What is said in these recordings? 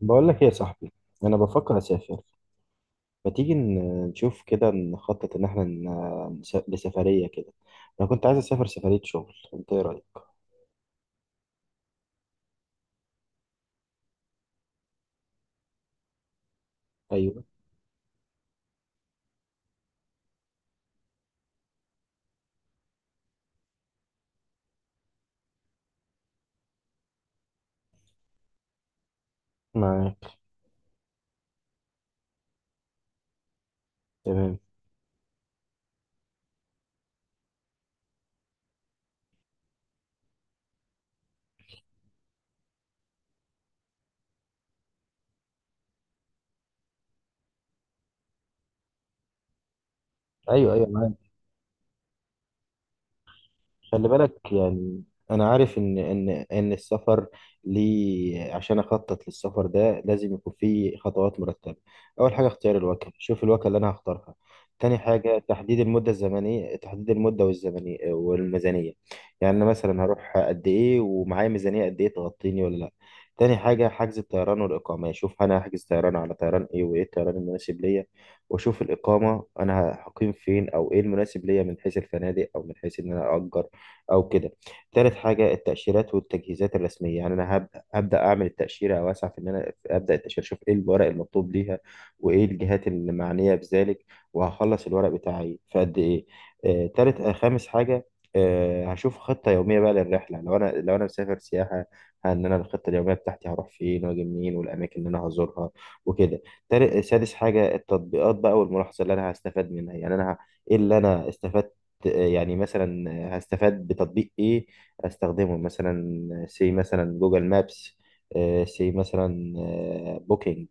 بقول لك ايه يا صاحبي؟ انا بفكر اسافر. ما تيجي نشوف كده نخطط ان احنا لسفريه كده؟ انا كنت عايز اسافر سفريه شغل، انت ايه رايك؟ ايوه، معاك. تمام. ايوه، ايوه، معاك. خلي بالك يعني. انا عارف ان السفر. ليه عشان اخطط للسفر ده لازم يكون فيه خطوات مرتبه. اول حاجه اختيار الوكيل، شوف الوكيل اللي انا هختارها. تاني حاجه تحديد المده الزمنيه، تحديد المده والزمنيه والميزانيه. يعني انا مثلا هروح قد ايه، ومعايا ميزانيه قد ايه تغطيني ولا لا. تاني حاجه حجز الطيران والاقامه، شوف انا هحجز طيران على طيران ايه، وايه الطيران المناسب ليا. واشوف الاقامه، انا هقيم فين، او ايه المناسب ليا من حيث الفنادق، او من حيث ان انا اجر او كده. تالت حاجه التاشيرات والتجهيزات الرسميه، يعني انا هبدا اعمل التاشيره، او اسعى في ان انا ابدا التاشيره، اشوف ايه الورق المطلوب ليها، وايه الجهات المعنيه بذلك، وهخلص الورق بتاعي في قد ايه. آه، تالت آه، خامس حاجه. هشوف خطه يوميه بقى للرحله، لو انا مسافر سياحه، ان انا الخطه اليوميه بتاعتي هروح فين واجي منين، والاماكن اللي انا هزورها وكده. تالت آه، سادس حاجه التطبيقات بقى، والملاحظه اللي انا هستفاد منها. يعني ايه اللي انا استفدت، يعني مثلا هستفاد بتطبيق ايه استخدمه. مثلا مثلا جوجل مابس، آه، سي مثلا بوكينج.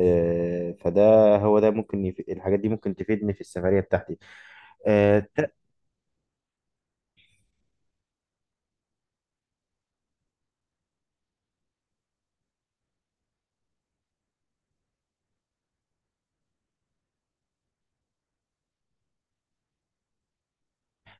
آه، فده هو ده ممكن الحاجات دي ممكن تفيدني في السفرية بتاعتي. آه،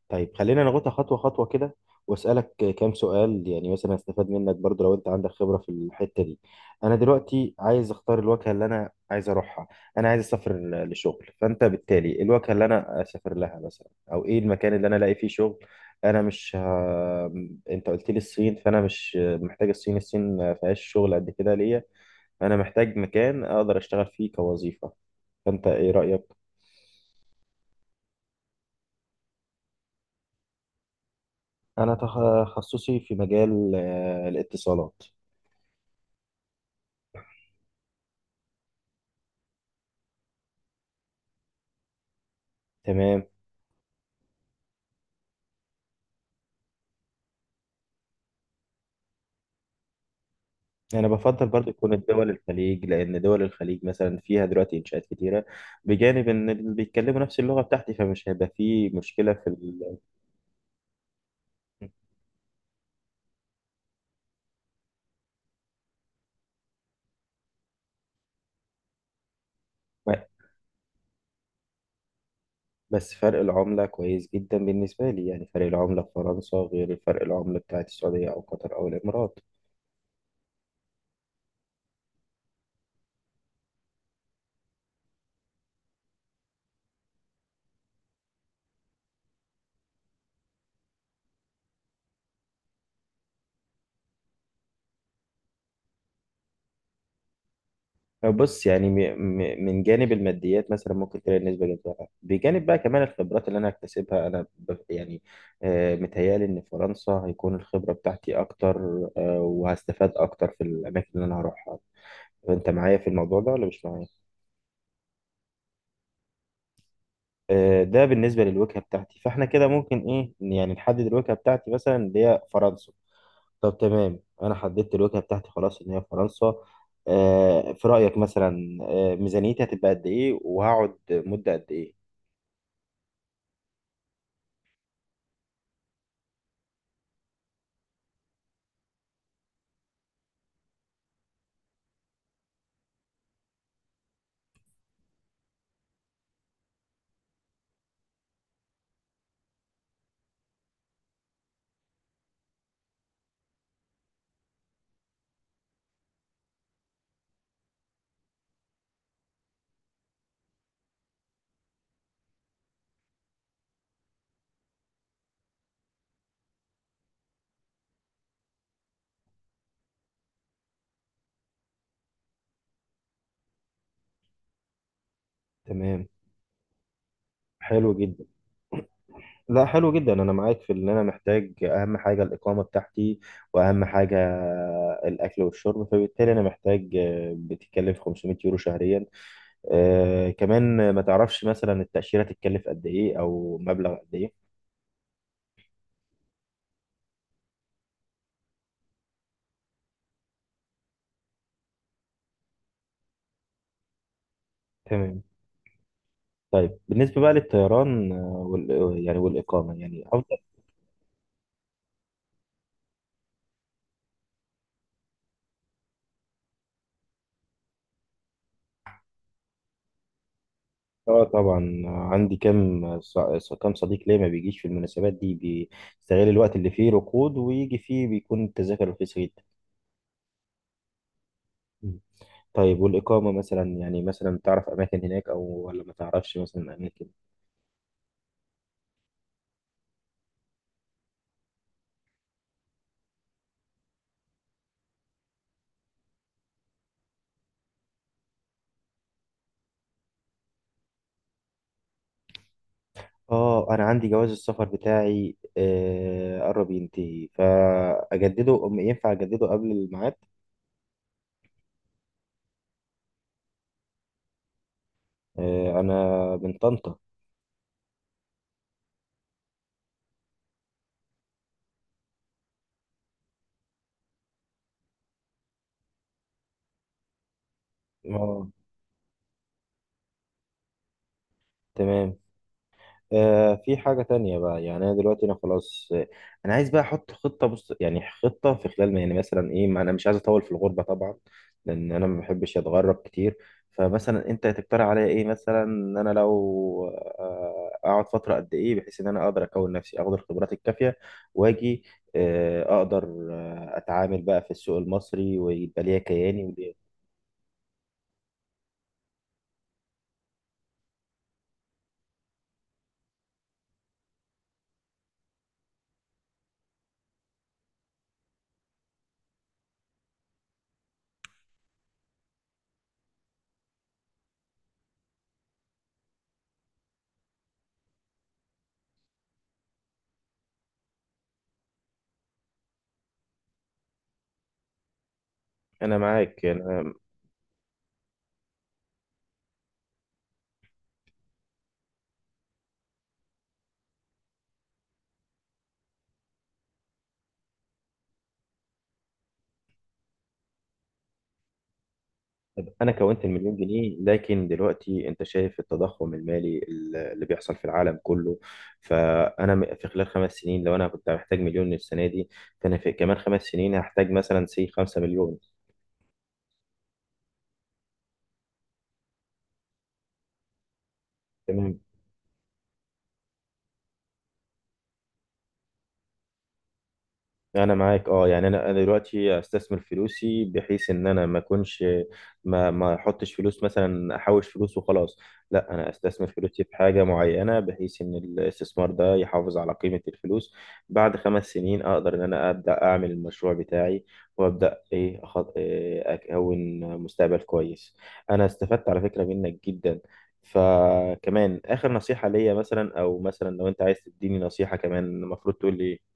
طيب خلينا ناخدها خطوة خطوة كده، واسألك كام سؤال يعني، مثلا هستفاد منك برضو لو انت عندك خبرة في الحتة دي. انا دلوقتي عايز اختار الوجهة اللي انا عايز اروحها. انا عايز اسافر لشغل، فانت بالتالي الوجهة اللي انا اسافر لها مثلا، او ايه المكان اللي انا الاقي فيه شغل. انا مش ه... انت قلت لي الصين، فانا مش محتاج الصين. الصين ما فيهاش شغل قد كده ليا. انا محتاج مكان اقدر اشتغل فيه كوظيفة، فانت ايه رأيك؟ انا تخصصي في مجال الاتصالات. تمام. يعني أنا بفضل برضو تكون الدول الخليج، لأن دول الخليج مثلا فيها دلوقتي إنشاءات كتيرة، بجانب إن اللي بيتكلموا نفس اللغة بتاعتي، فمش هيبقى فيه مشكلة في ال... بس فرق العملة كويس جدا بالنسبة لي. يعني فرق العملة في فرنسا غير فرق العملة بتاعت السعودية أو قطر أو الإمارات. بص يعني، من جانب الماديات مثلا ممكن تلاقي النسبة جذابة، بجانب بقى كمان الخبرات اللي أنا هكتسبها. يعني متهيألي إن فرنسا هيكون الخبرة بتاعتي أكتر، وهستفاد أكتر في الأماكن اللي أنا هروحها. أنت معايا في الموضوع ده ولا مش معايا؟ ده بالنسبة للوجهة بتاعتي، فإحنا كده ممكن إيه يعني نحدد الوجهة بتاعتي مثلا اللي هي فرنسا. طب تمام، أنا حددت الوجهة بتاعتي خلاص إن هي فرنسا. في رأيك مثلا، ميزانيتي هتبقى قد إيه وهقعد مدة قد إيه؟ تمام. حلو جدا. لا، حلو جدا. انا معاك في ان انا محتاج اهم حاجه الاقامه بتاعتي، واهم حاجه الاكل والشرب. فبالتالي انا محتاج بتتكلف 500 يورو شهريا. آه كمان، ما تعرفش مثلا التاشيره تتكلف قد ايه او مبلغ قد ايه؟ تمام. طيب بالنسبه بقى للطيران آه، وال يعني والاقامه، يعني افضل. اه طبعا، عندي كام صديق ليا ما بيجيش في المناسبات دي، بيستغل الوقت اللي فيه ركود ويجي فيه، بيكون التذاكر رخيصه جدا. طيب والإقامة مثلا، يعني مثلا تعرف أماكن هناك، أو ولا ما تعرفش مثلا أماكن؟ آه أنا عندي جواز السفر بتاعي، قرب ينتهي، فأجدده، ينفع أجدده قبل الميعاد؟ أنا من طنطا. آه، تمام. في حاجة تانية بقى، يعني أنا دلوقتي أنا خلاص، أنا عايز بقى أحط خطة. بص يعني، خطة في خلال ما يعني مثلا إيه، ما أنا مش عايز أطول في الغربة طبعا، لأن أنا ما بحبش أتغرب كتير. فمثلا أنت تقترح عليا إيه، مثلا إن أنا لو أقعد فترة قد إيه، بحيث إن أنا أقدر أكون نفسي أخد الخبرات الكافية، وأجي أقدر أتعامل بقى في السوق المصري، ويبقى ليا كياني وليا. أنا معاك يعني. طب انا كونت المليون جنيه، لكن دلوقتي انت شايف التضخم المالي اللي بيحصل في العالم كله. فانا في خلال 5 سنين لو انا كنت محتاج مليون السنه دي، فانا في كمان 5 سنين هحتاج مثلا 5 مليون. تمام، انا معاك. اه يعني انا دلوقتي استثمر فلوسي بحيث ان انا ما اكونش، ما احطش فلوس مثلا، احوش فلوس وخلاص. لا، انا استثمر فلوسي في حاجه معينه بحيث ان الاستثمار ده يحافظ على قيمه الفلوس. بعد 5 سنين اقدر ان انا ابدا اعمل المشروع بتاعي، وابدا إيه اكون مستقبل كويس. انا استفدت على فكره منك جدا. فكمان اخر نصيحه ليا مثلا، او مثلا لو انت عايز تديني نصيحه كمان، المفروض تقول لي إيه؟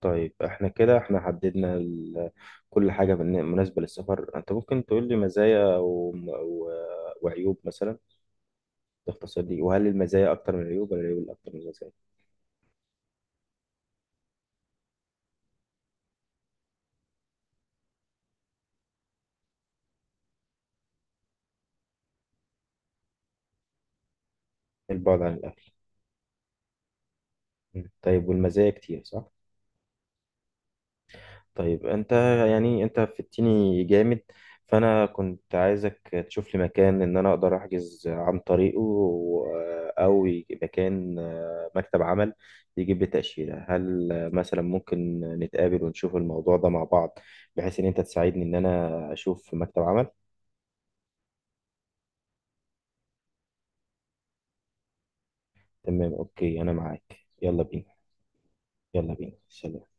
طيب احنا كده، احنا حددنا ال... كل حاجة مناسبة للسفر. انت ممكن تقول لي مزايا وعيوب مثلا، باختصار دي؟ وهل المزايا اكتر من العيوب ولا العيوب اكتر من المزايا؟ البعد عن الاهل. م. طيب والمزايا كتير، صح؟ طيب انت، يعني انت فدتني جامد. فانا كنت عايزك تشوف لي مكان ان انا اقدر احجز عن طريقه، مكان، مكتب عمل يجيب لي تأشيرة. هل مثلا ممكن نتقابل ونشوف الموضوع ده مع بعض، بحيث ان انت تساعدني ان انا اشوف مكتب عمل؟ تمام اوكي، انا معاك. يلا بينا. يلا بينا، سلام.